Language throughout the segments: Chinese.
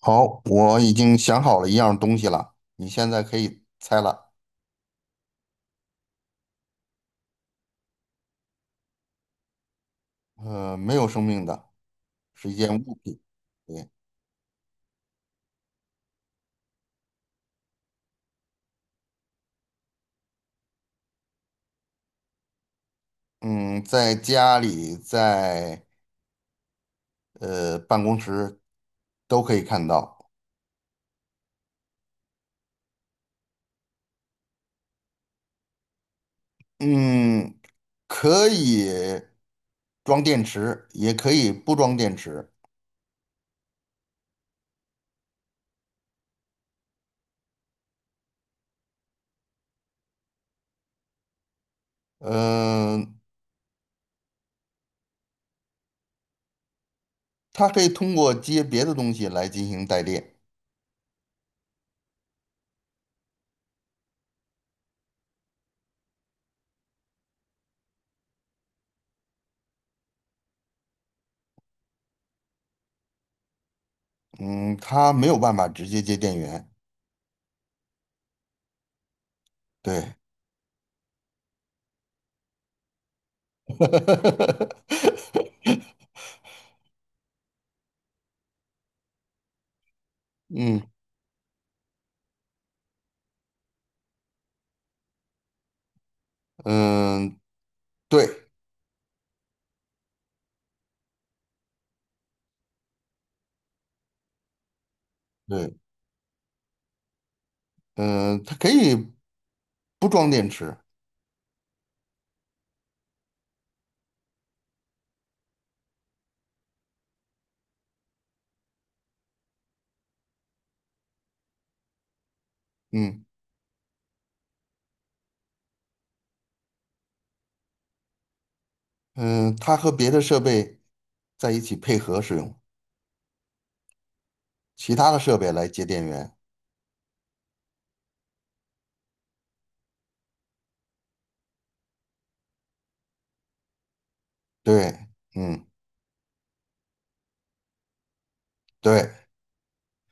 好，我已经想好了一样东西了，你现在可以猜了。没有生命的，是一件物品。对，嗯，在家里，在办公室都可以看到。嗯，可以装电池，也可以不装电池。嗯、它可以通过接别的东西来进行带电。嗯，它没有办法直接接电源。对。嗯嗯，对对，嗯、它可以不装电池，嗯嗯、它和别的设备在一起配合使用，其他的设备来接电源，对，嗯对，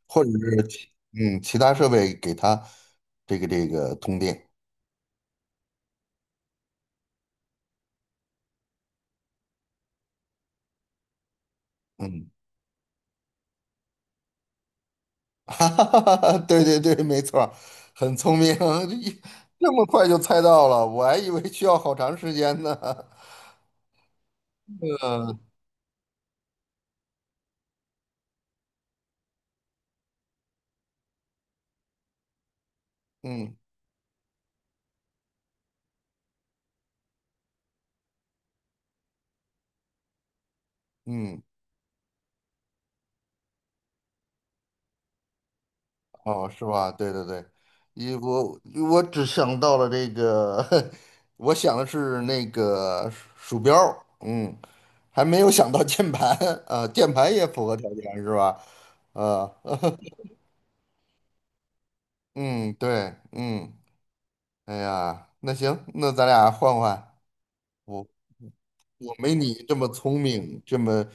或者是其他设备给它这个通电，嗯，哈哈哈哈，对对对，没错儿很聪明，这这么快就猜到了，我还以为需要好长时间呢，嗯嗯。哦，是吧？对对对，一我我只想到了这个，我想的是那个鼠标儿嗯，还没有想到键盘 啊，键盘也符合条件是吧？呃，嗯，对，嗯，哎呀，那行，那咱俩换换，我我没你这么聪明，这么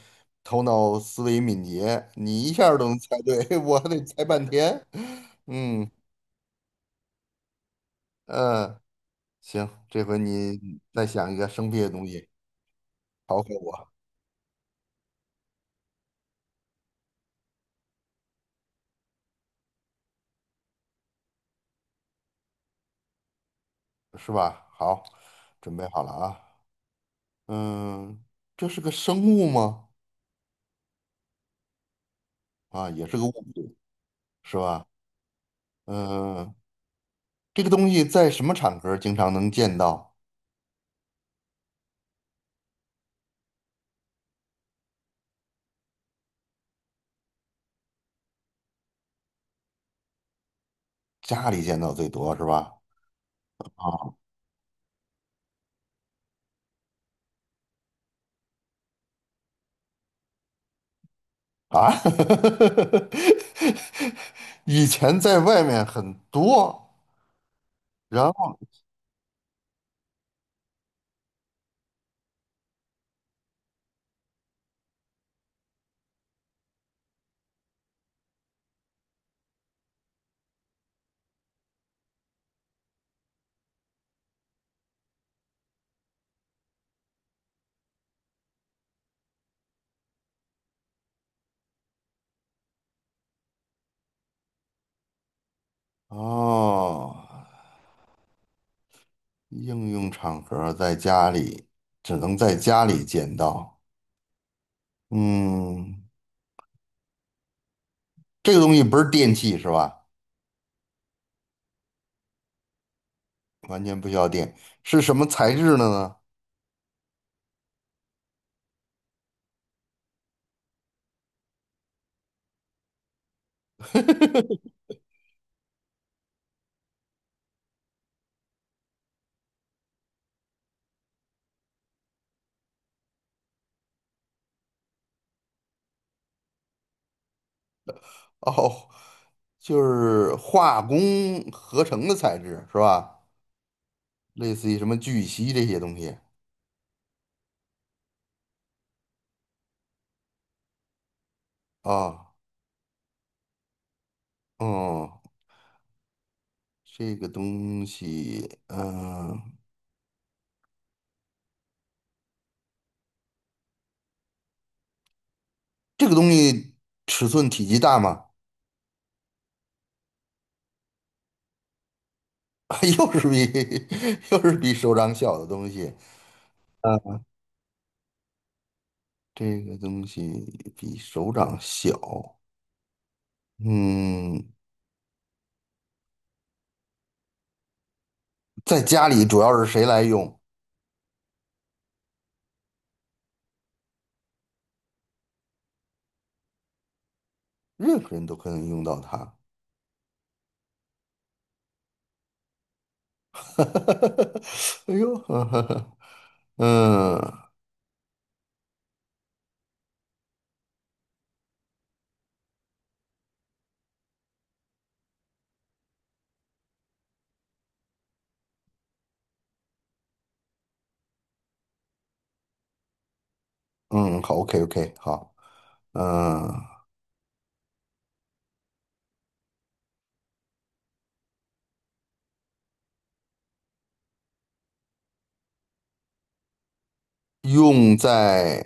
头脑思维敏捷，你一下儿都能猜对，我还得猜半天，嗯嗯。呃行，这回你再想一个生僻的东西考考我，是吧？好，准备好了啊。嗯，这是个生物吗？啊，也是个物品，是吧？嗯，这个东西在什么场合经常能见到？家里见到最多是吧？啊啊，以前在外面很多，然后哦，应用场合在家里只能在家里见到。嗯，这个东西不是电器是吧？完全不需要电，是什么材质的呢？哦，就是化工合成的材质是吧？类似于什么聚乙烯这些东西啊，哦，这个东西，这个东西尺寸体积大吗？又是比 又是比手掌小的东西，啊？这个东西比手掌小，嗯。在家里主要是谁来用，任何人都可以用到它。哎呦，嗯嗯，好，OK OK，好，嗯，用在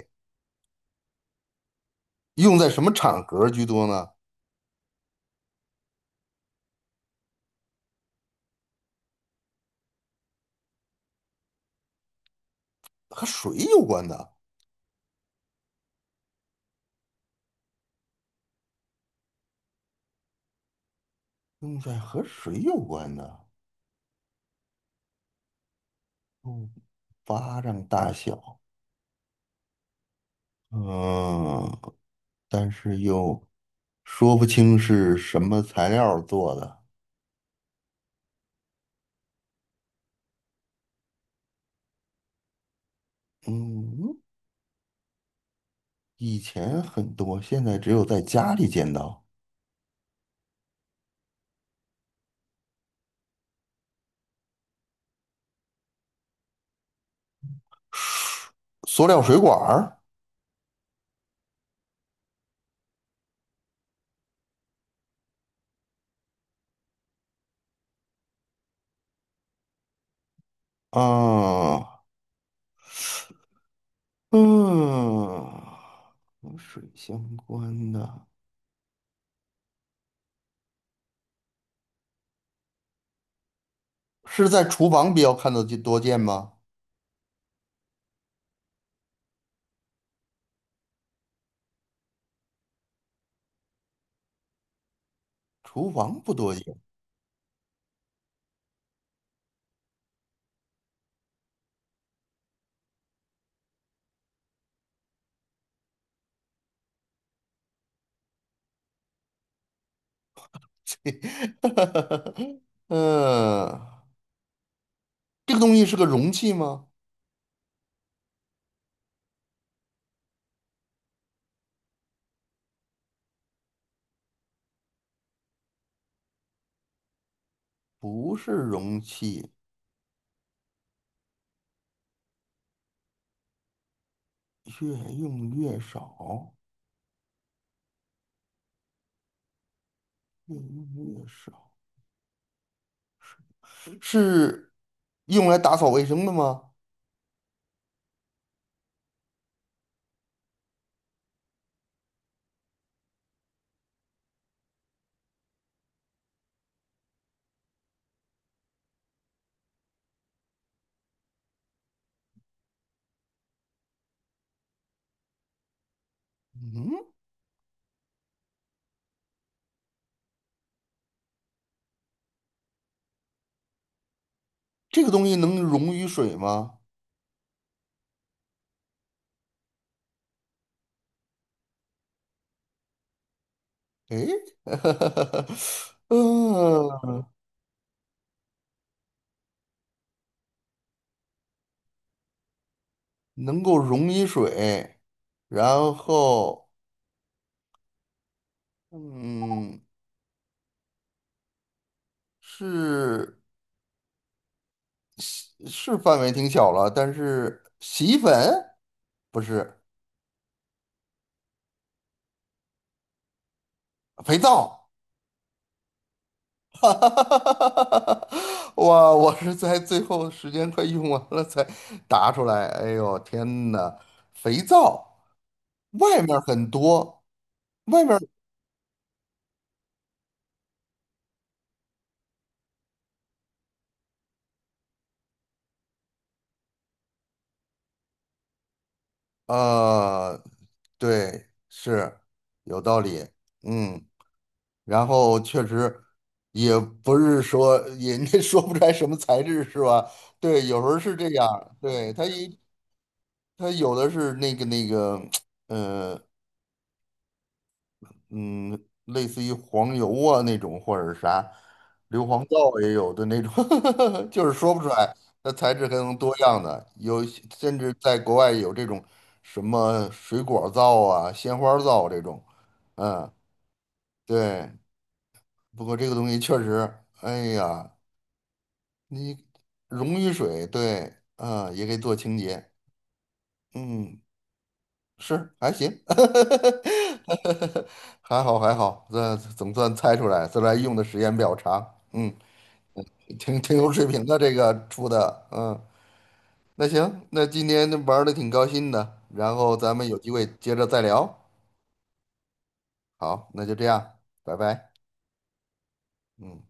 用在什么场合居多呢？和水有关的，用在和水有关的，嗯，巴掌大小，嗯，但是又说不清是什么材料做的，嗯，以前很多，现在只有在家里见到。塑料水管儿，啊，嗯，和水相关的，是在厨房比较看得见多见吗？厨房不多见，嗯，这个东西是个容器吗？不是容器，越用越少，越用越少，是用来打扫卫生的吗？嗯，这个东西能溶于水吗？诶，嗯，能够溶于水，然后，嗯，是是范围挺小了，但是洗衣粉不是肥皂，哈哈哈哈哈哈！哇，我是在最后时间快用完了才答出来。哎呦，天呐，肥皂外面很多，外面呃对，是有道理，嗯，然后确实也不是说人家 说不出来什么材质是吧？对，有时候是这样，对，它有的是那个，嗯嗯，类似于黄油啊那种或者是啥，硫磺皂也有的那种，就是说不出来，它材质很多样的，有甚至在国外有这种什么水果皂啊、鲜花皂这种，嗯，对。不过这个东西确实，哎呀，你溶于水，对，啊，也可以做清洁，嗯，是还行，还好还好，这总算猜出来，虽然用的时间比较长，嗯，挺有水平的这个出的，嗯，那行，那今天玩的挺高兴的，然后咱们有机会接着再聊，好，那就这样，拜拜，嗯。